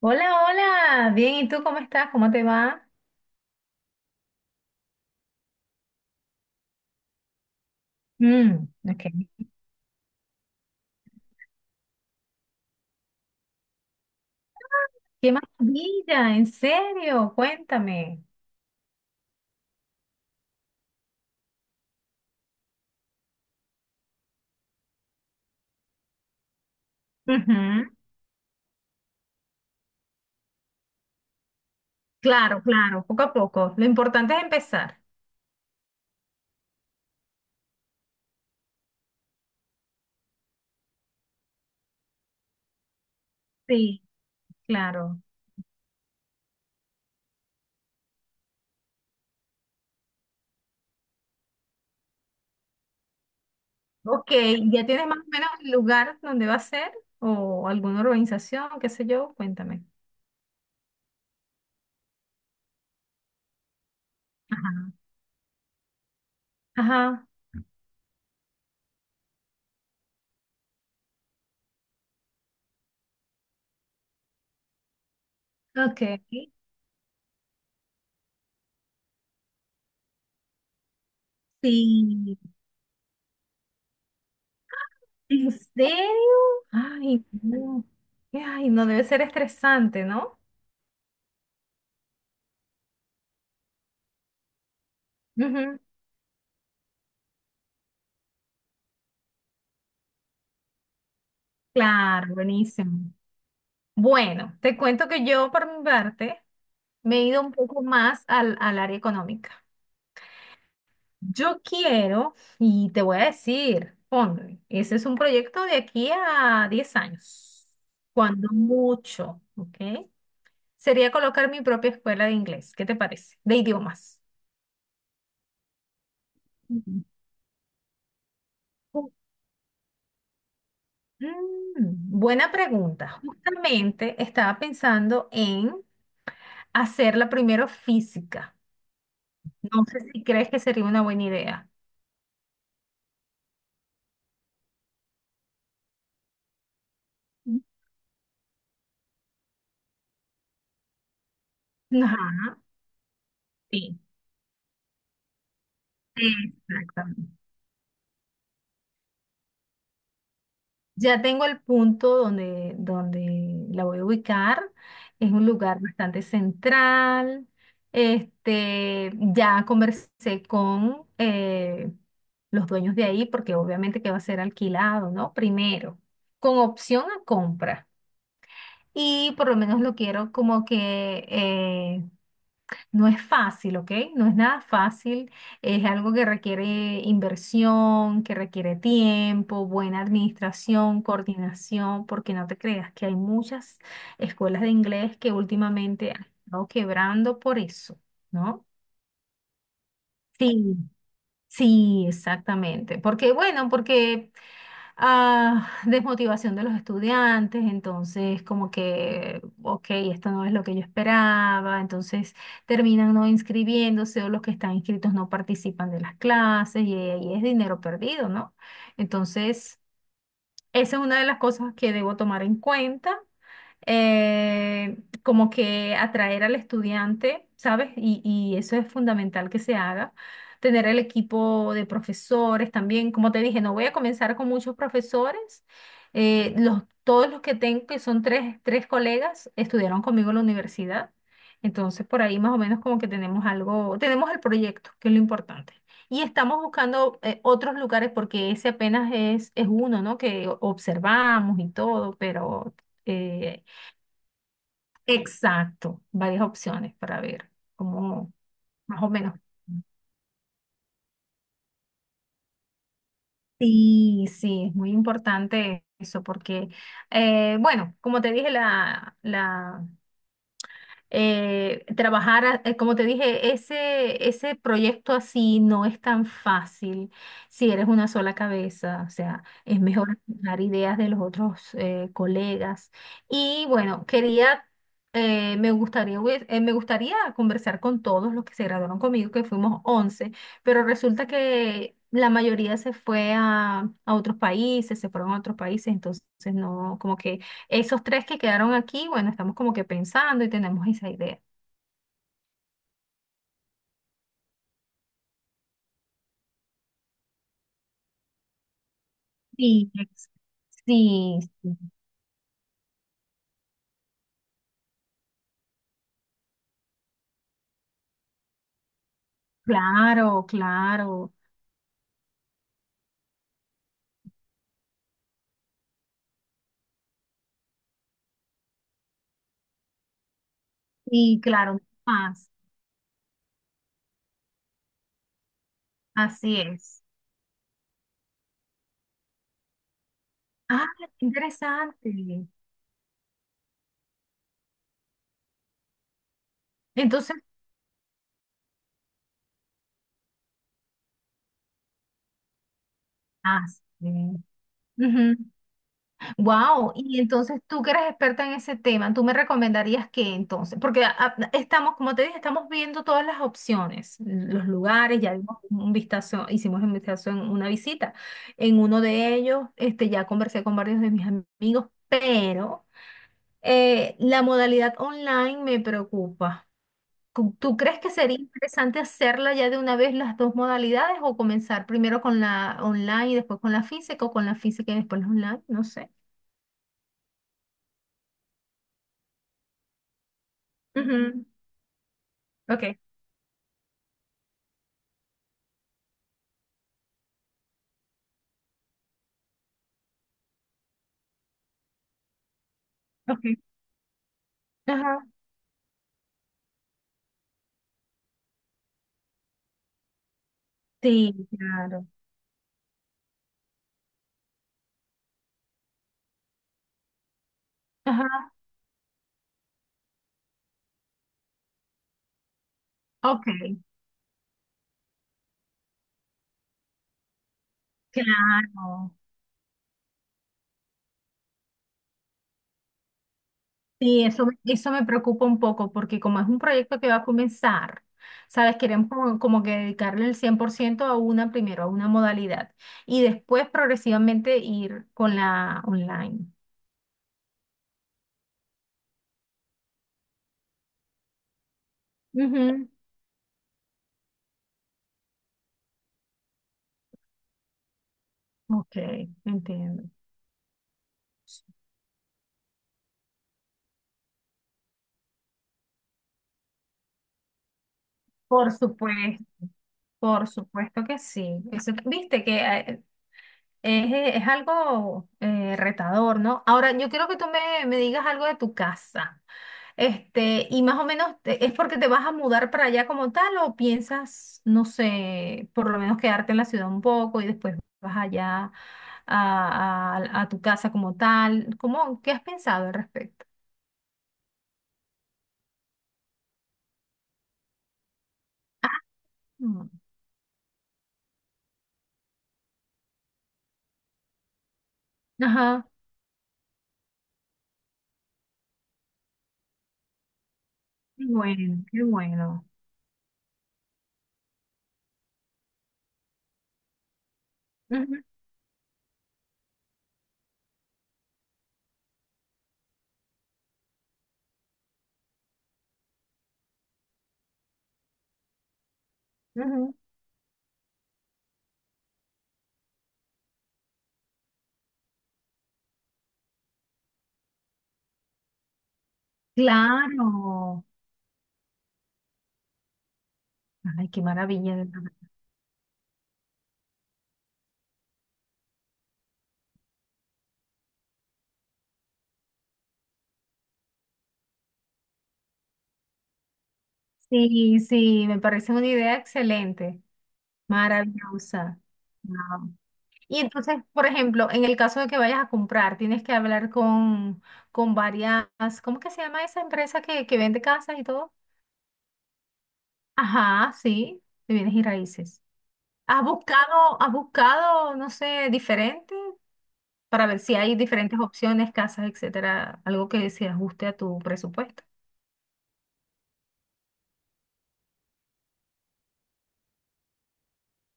Hola, hola, bien, ¿y tú cómo estás? ¿Cómo te va? Mm, ok. Qué maravilla, en serio, cuéntame. Ujú. Claro, claro, poco a poco. Lo importante es empezar. Sí, claro. Ok, ¿ya tienes más o menos el lugar donde va a ser? ¿O alguna organización, qué sé yo? Cuéntame. Ajá. Ajá, ok. Sí. ¿En serio? Ay, no. Ay, no debe ser estresante, ¿no? Ujú. Claro, buenísimo. Bueno, te cuento que yo, por mi parte, me he ido un poco más al área económica. Yo quiero, y te voy a decir, ponle, ese es un proyecto de aquí a 10 años, cuando mucho, ¿ok? Sería colocar mi propia escuela de inglés. ¿Qué te parece? De idiomas. Ujú. Ju- Mm, buena pregunta. Justamente estaba pensando en hacerla primero física. No sé si crees que sería una buena idea. Ajá, sí, exactamente. Ya tengo el punto donde la voy a ubicar. Es un lugar bastante central. Este, ya conversé con los dueños de ahí, porque obviamente que va a ser alquilado, ¿no? Primero, con opción a compra. Y por lo menos lo quiero como que No es fácil, ¿ok? No es nada fácil. Es algo que requiere inversión, que requiere tiempo, buena administración, coordinación, porque no te creas que hay muchas escuelas de inglés que últimamente han estado quebrando por eso, ¿no? Sí, sí, exactamente. Porque, bueno, porque desmotivación de los estudiantes, entonces como que, ok, esto no es lo que yo esperaba, entonces terminan no inscribiéndose o los que están inscritos no participan de las clases y ahí es dinero perdido, ¿no? Entonces... Esa es una de las cosas que debo tomar en cuenta, eh, como que atraer al estudiante, ¿sabes? Y eso es fundamental que se haga. Tener el equipo de profesores también. Como te dije, no voy a comenzar con muchos profesores. Los, todos los que tengo, que son tres colegas, estudiaron conmigo en la universidad. Entonces, por ahí más o menos como que tenemos algo, tenemos el proyecto, que es lo importante. Y estamos buscando otros lugares porque ese apenas es uno, ¿no? Que observamos y todo, pero eh, exacto, varias opciones para ver cómo más o menos. Sí, sí, es muy importante eso porque, bueno, como te dije, como te dije, ese proyecto así no es tan fácil si eres una sola cabeza, o sea, es mejor dar ideas de los otros colegas. Y bueno, quería, me gustaría, me gustaría conversar con todos los que se graduaron conmigo, que fuimos 11 pero resulta que la mayoría se fue a otros países, se fueron a otros países, entonces no, como que esos tres que quedaron aquí, bueno, estamos como que pensando y tenemos esa idea. Sí, sí, sí. Claro, claro. Sí, claro, no más. Así es. Ah, qué interesante. Entonces, ah, sí. Ujú. Wow, y entonces tú que eres experta en ese tema, ¿tú me recomendarías qué entonces? Porque estamos, como te dije, estamos viendo todas las opciones, los lugares, ya dimos un vistazo, hicimos un vistazo en una visita. En uno de ellos, este, ya conversé con varios de mis amigos, pero la modalidad online me preocupa. ¿Tú crees que sería interesante hacerla ya de una vez las dos modalidades o comenzar primero con la online y después con la física o con la física y después la online? No sé. Ujú. Ok, ok. Ajá. Sí, claro. Ajá. Ok, claro. Sí, eso me preocupa un poco porque como es un proyecto que va a comenzar, ¿sabes? Queremos como que dedicarle el 100% a una primero, a una modalidad, y después progresivamente ir con la online. Ujú. Ok, entiendo. Por supuesto, por supuesto que sí. Viste que es algo retador, ¿no? Ahora, yo quiero que tú me digas algo de tu casa. Este, y más o menos, ¿es porque te vas a mudar para allá como tal o piensas, no sé, por lo menos quedarte en la ciudad un poco y después vas allá a, a tu casa como tal? ¿Cómo, qué has pensado al respecto? Mm. Ajá. Qué bueno, qué bueno. Ujú, ujú. Claro. Ay, qué maravilla. Sí, sí, me parece una idea excelente, maravillosa. Wow. Y entonces, por ejemplo, en el caso de que vayas a comprar, tienes que hablar con varias, ¿cómo que se llama esa empresa que vende casas y todo? Ajá, sí, de bienes y raíces. ¿Has buscado, no sé, diferente para ver si hay diferentes opciones, casas, etcétera, algo que se ajuste a tu presupuesto?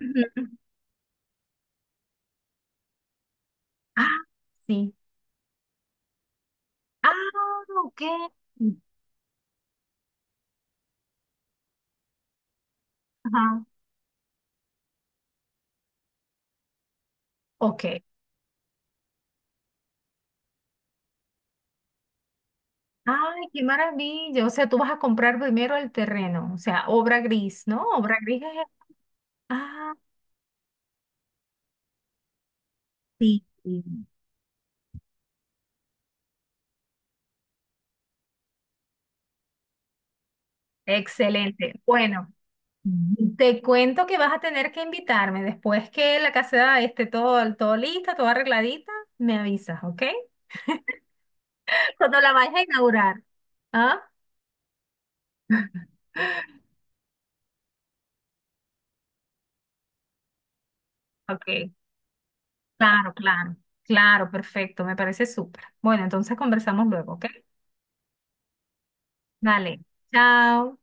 Ujú. Ah, sí. Ah, ok. Ajá. Ok. Ay, qué maravilla. O sea, tú vas a comprar primero el terreno, o sea, obra gris, ¿no? Obra gris es... Ah, sí. Sí. Excelente. Bueno, te cuento que vas a tener que invitarme después que la caseta esté todo lista, toda arregladita, me avisas, ¿ok? Cuando la vayas a inaugurar. ¿Ah? Ok. Claro, claro. Claro, perfecto. Me parece súper. Bueno, entonces conversamos luego, ¿ok? Dale. Chao.